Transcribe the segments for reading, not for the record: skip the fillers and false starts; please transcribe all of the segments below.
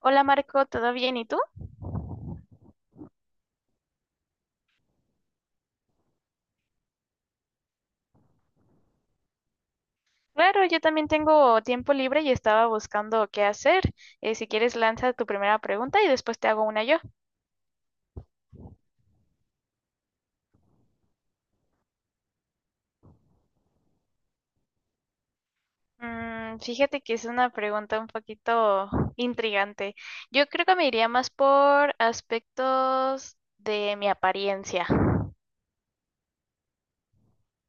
Hola Marco, ¿todo bien? ¿Y tú? Claro, yo también tengo tiempo libre y estaba buscando qué hacer. Si quieres, lanza tu primera pregunta y después te hago una yo. Fíjate que es una pregunta un poquito intrigante. Yo creo que me iría más por aspectos de mi apariencia.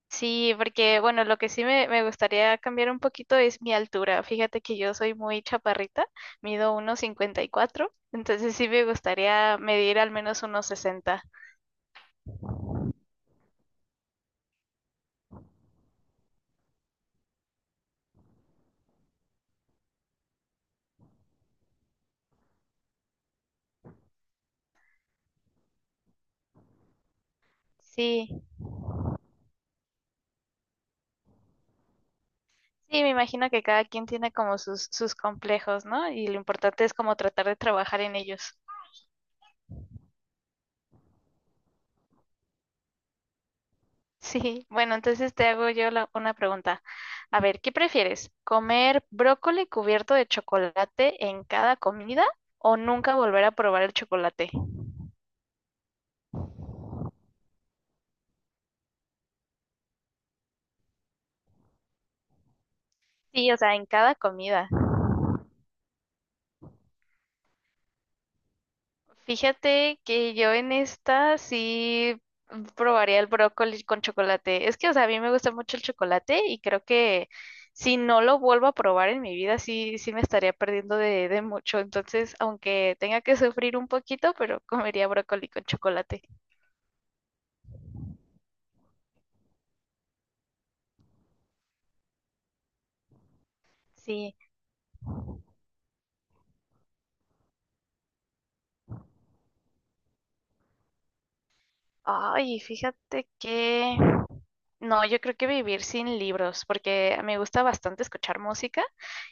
Sí, porque bueno, lo que sí me gustaría cambiar un poquito es mi altura. Fíjate que yo soy muy chaparrita, mido 1,54, entonces sí me gustaría medir al menos 1,60. Sí, sí, me imagino que cada quien tiene como sus complejos, ¿no? Y lo importante es como tratar de trabajar en ellos. Sí, bueno, entonces te hago yo una pregunta. A ver, ¿qué prefieres? ¿Comer brócoli cubierto de chocolate en cada comida o nunca volver a probar el chocolate? Sí, o sea, en cada comida. Fíjate que yo en esta sí probaría el brócoli con chocolate. Es que, o sea, a mí me gusta mucho el chocolate y creo que si no lo vuelvo a probar en mi vida, sí, sí me estaría perdiendo de mucho. Entonces, aunque tenga que sufrir un poquito, pero comería brócoli con chocolate. Sí. Ay, fíjate que… No, yo creo que vivir sin libros, porque me gusta bastante escuchar música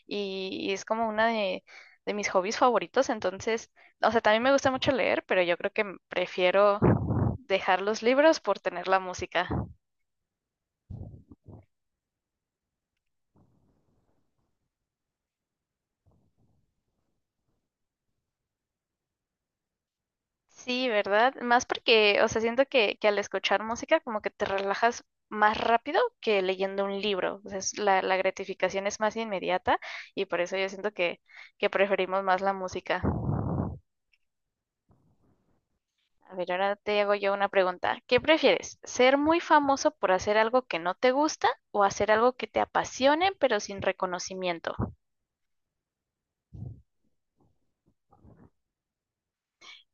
y es como una de mis hobbies favoritos. Entonces, o sea, también me gusta mucho leer, pero yo creo que prefiero dejar los libros por tener la música. Sí, ¿verdad? Más porque, o sea, siento que al escuchar música como que te relajas más rápido que leyendo un libro. O sea, la gratificación es más inmediata y por eso yo siento que preferimos más la música. A ver, ahora te hago yo una pregunta. ¿Qué prefieres? ¿Ser muy famoso por hacer algo que no te gusta o hacer algo que te apasione pero sin reconocimiento?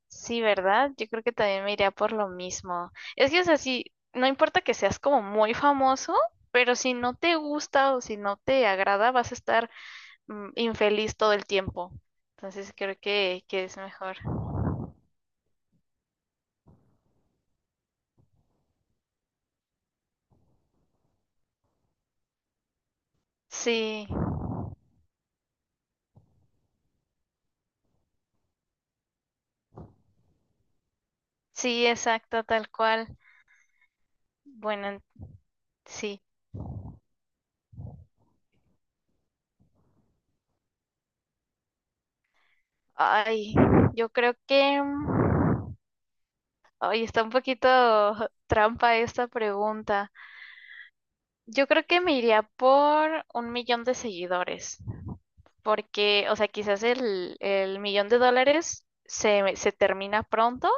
Sí, ¿verdad? Yo creo que también me iría por lo mismo. Es que es así, no importa que seas como muy famoso, pero si no te gusta o si no te agrada, vas a estar infeliz todo el tiempo. Entonces creo que es mejor. Sí, sí, exacto, tal cual. Bueno, sí. Ay, yo creo que… Ay, está un poquito trampa esta pregunta. Yo creo que me iría por un millón de seguidores, porque, o sea, quizás el millón de dólares se termina pronto,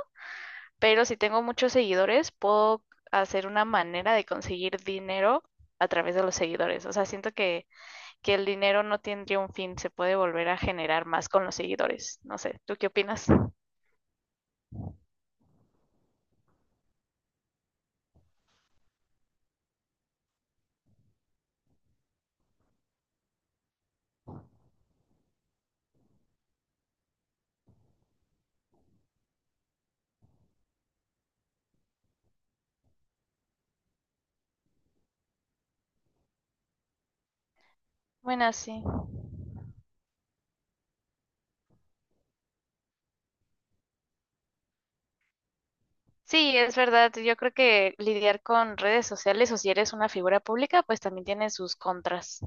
pero si tengo muchos seguidores, puedo hacer una manera de conseguir dinero a través de los seguidores. O sea, siento que el dinero no tendría un fin, se puede volver a generar más con los seguidores. No sé, ¿tú qué opinas? Bueno, sí. Sí, es verdad. Yo creo que lidiar con redes sociales o si eres una figura pública, pues también tiene sus contras.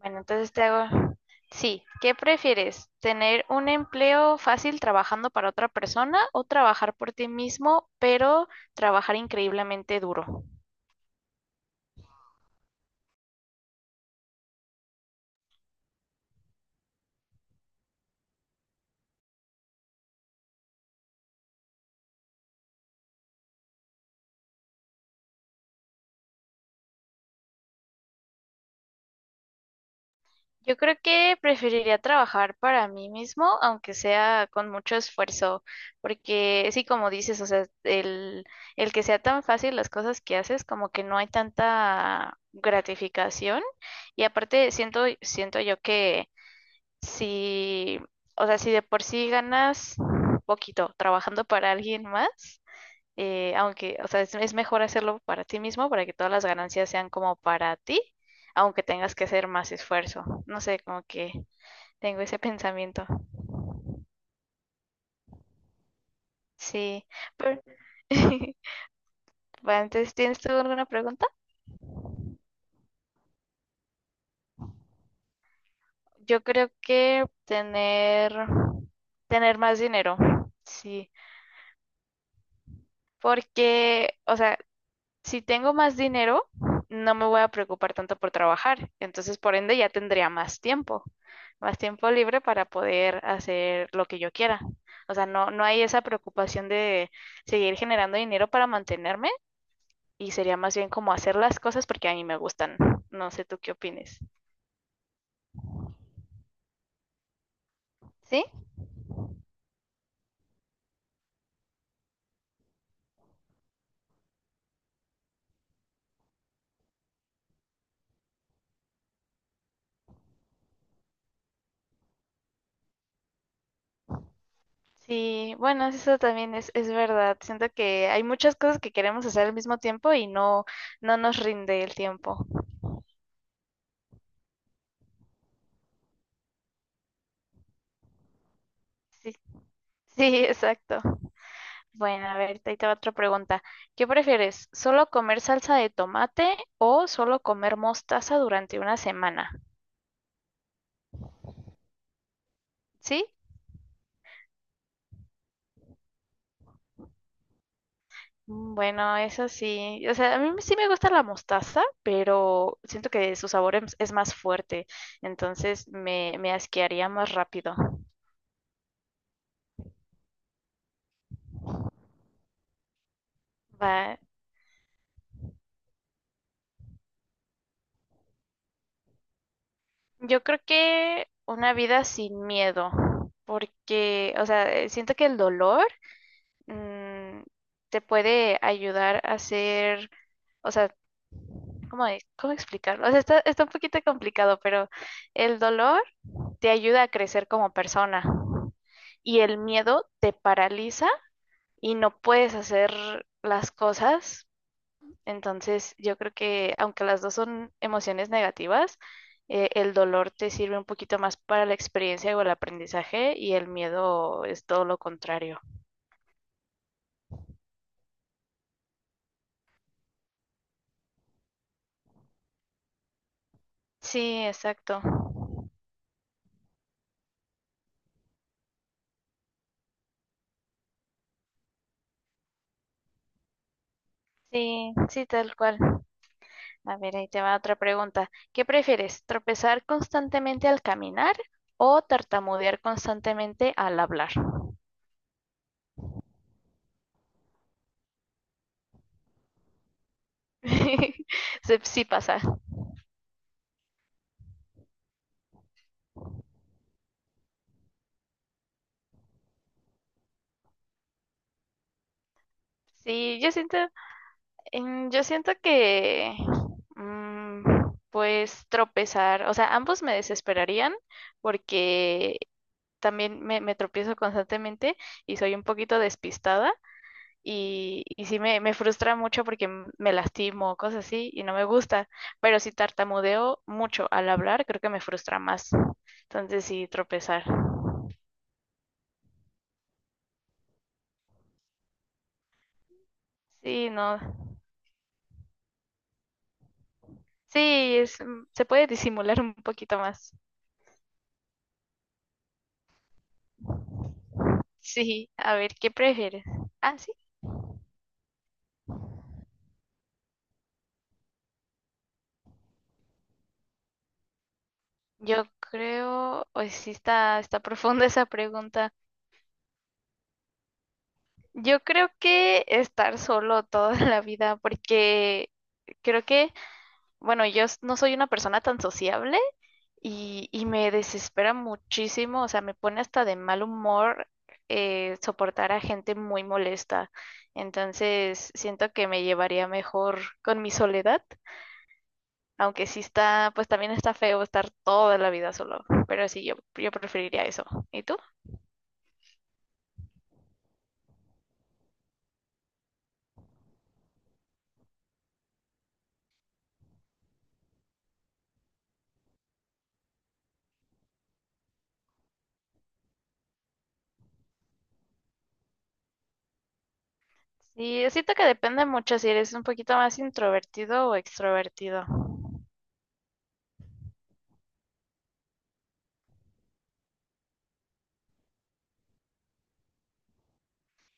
Bueno, entonces te hago… Sí, ¿qué prefieres? ¿Tener un empleo fácil trabajando para otra persona o trabajar por ti mismo, pero trabajar increíblemente duro? Yo creo que preferiría trabajar para mí mismo, aunque sea con mucho esfuerzo, porque sí, como dices, o sea, el que sea tan fácil las cosas que haces, como que no hay tanta gratificación. Y aparte, siento yo que si, o sea, si de por sí ganas poquito trabajando para alguien más, aunque, o sea, es mejor hacerlo para ti mismo para que todas las ganancias sean como para ti, aunque tengas que hacer más esfuerzo. No sé, como que tengo ese pensamiento. Sí, pero… Bueno, entonces, ¿tienes tú alguna pregunta? Yo creo que tener más dinero, sí, porque, o sea, si tengo más dinero, no me voy a preocupar tanto por trabajar. Entonces, por ende, ya tendría más tiempo libre para poder hacer lo que yo quiera. O sea, no hay esa preocupación de seguir generando dinero para mantenerme y sería más bien como hacer las cosas porque a mí me gustan. No sé tú qué opines. ¿Sí? Sí, bueno, eso también es verdad. Siento que hay muchas cosas que queremos hacer al mismo tiempo y no nos rinde el tiempo. Sí, sí, exacto. Bueno, a ver, ahí te va otra pregunta. ¿Qué prefieres? ¿Solo comer salsa de tomate o solo comer mostaza durante una semana? ¿Sí? Bueno, eso sí. O sea, a mí sí me gusta la mostaza, pero siento que su sabor es más fuerte, entonces me asquearía más rápido. Va. Yo creo que una vida sin miedo, porque, o sea, siento que el dolor mm, te puede ayudar a ser… O sea, ¿cómo es? ¿Cómo explicarlo? O sea, está un poquito complicado, pero el dolor te ayuda a crecer como persona y el miedo te paraliza y no puedes hacer las cosas. Entonces, yo creo que aunque las dos son emociones negativas, el dolor te sirve un poquito más para la experiencia o el aprendizaje y el miedo es todo lo contrario. Sí, exacto. Sí, sí, tal cual. A ver, ahí te va otra pregunta. ¿Qué prefieres, tropezar constantemente al caminar o tartamudear constantemente al hablar? Sí, pasa. Sí, yo siento que, mm, pues tropezar, o sea, ambos me desesperarían porque también me tropiezo constantemente y soy un poquito despistada. Y sí me frustra mucho porque me lastimo, cosas así, y no me gusta. Pero si tartamudeo mucho al hablar, creo que me frustra más. Entonces sí, tropezar. Sí, no. Sí, es, se puede disimular un poquito más. Sí, a ver, ¿qué prefieres? Ah, sí. Yo creo, hoy sí está profunda esa pregunta. Yo creo que estar solo toda la vida, porque creo que, bueno, no soy una persona tan sociable. Y me desespera muchísimo, o sea, me pone hasta de mal humor soportar a gente muy molesta. Entonces, siento que me llevaría mejor con mi soledad, aunque sí está, pues también está feo estar toda la vida solo, pero sí, yo preferiría eso. ¿Y tú? Sí, siento que depende mucho si eres un poquito más introvertido o extrovertido.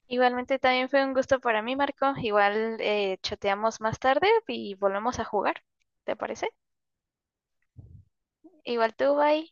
Igualmente también fue un gusto para mí, Marco. Igual chateamos más tarde y volvemos a jugar. ¿Te parece? Igual tú, bye.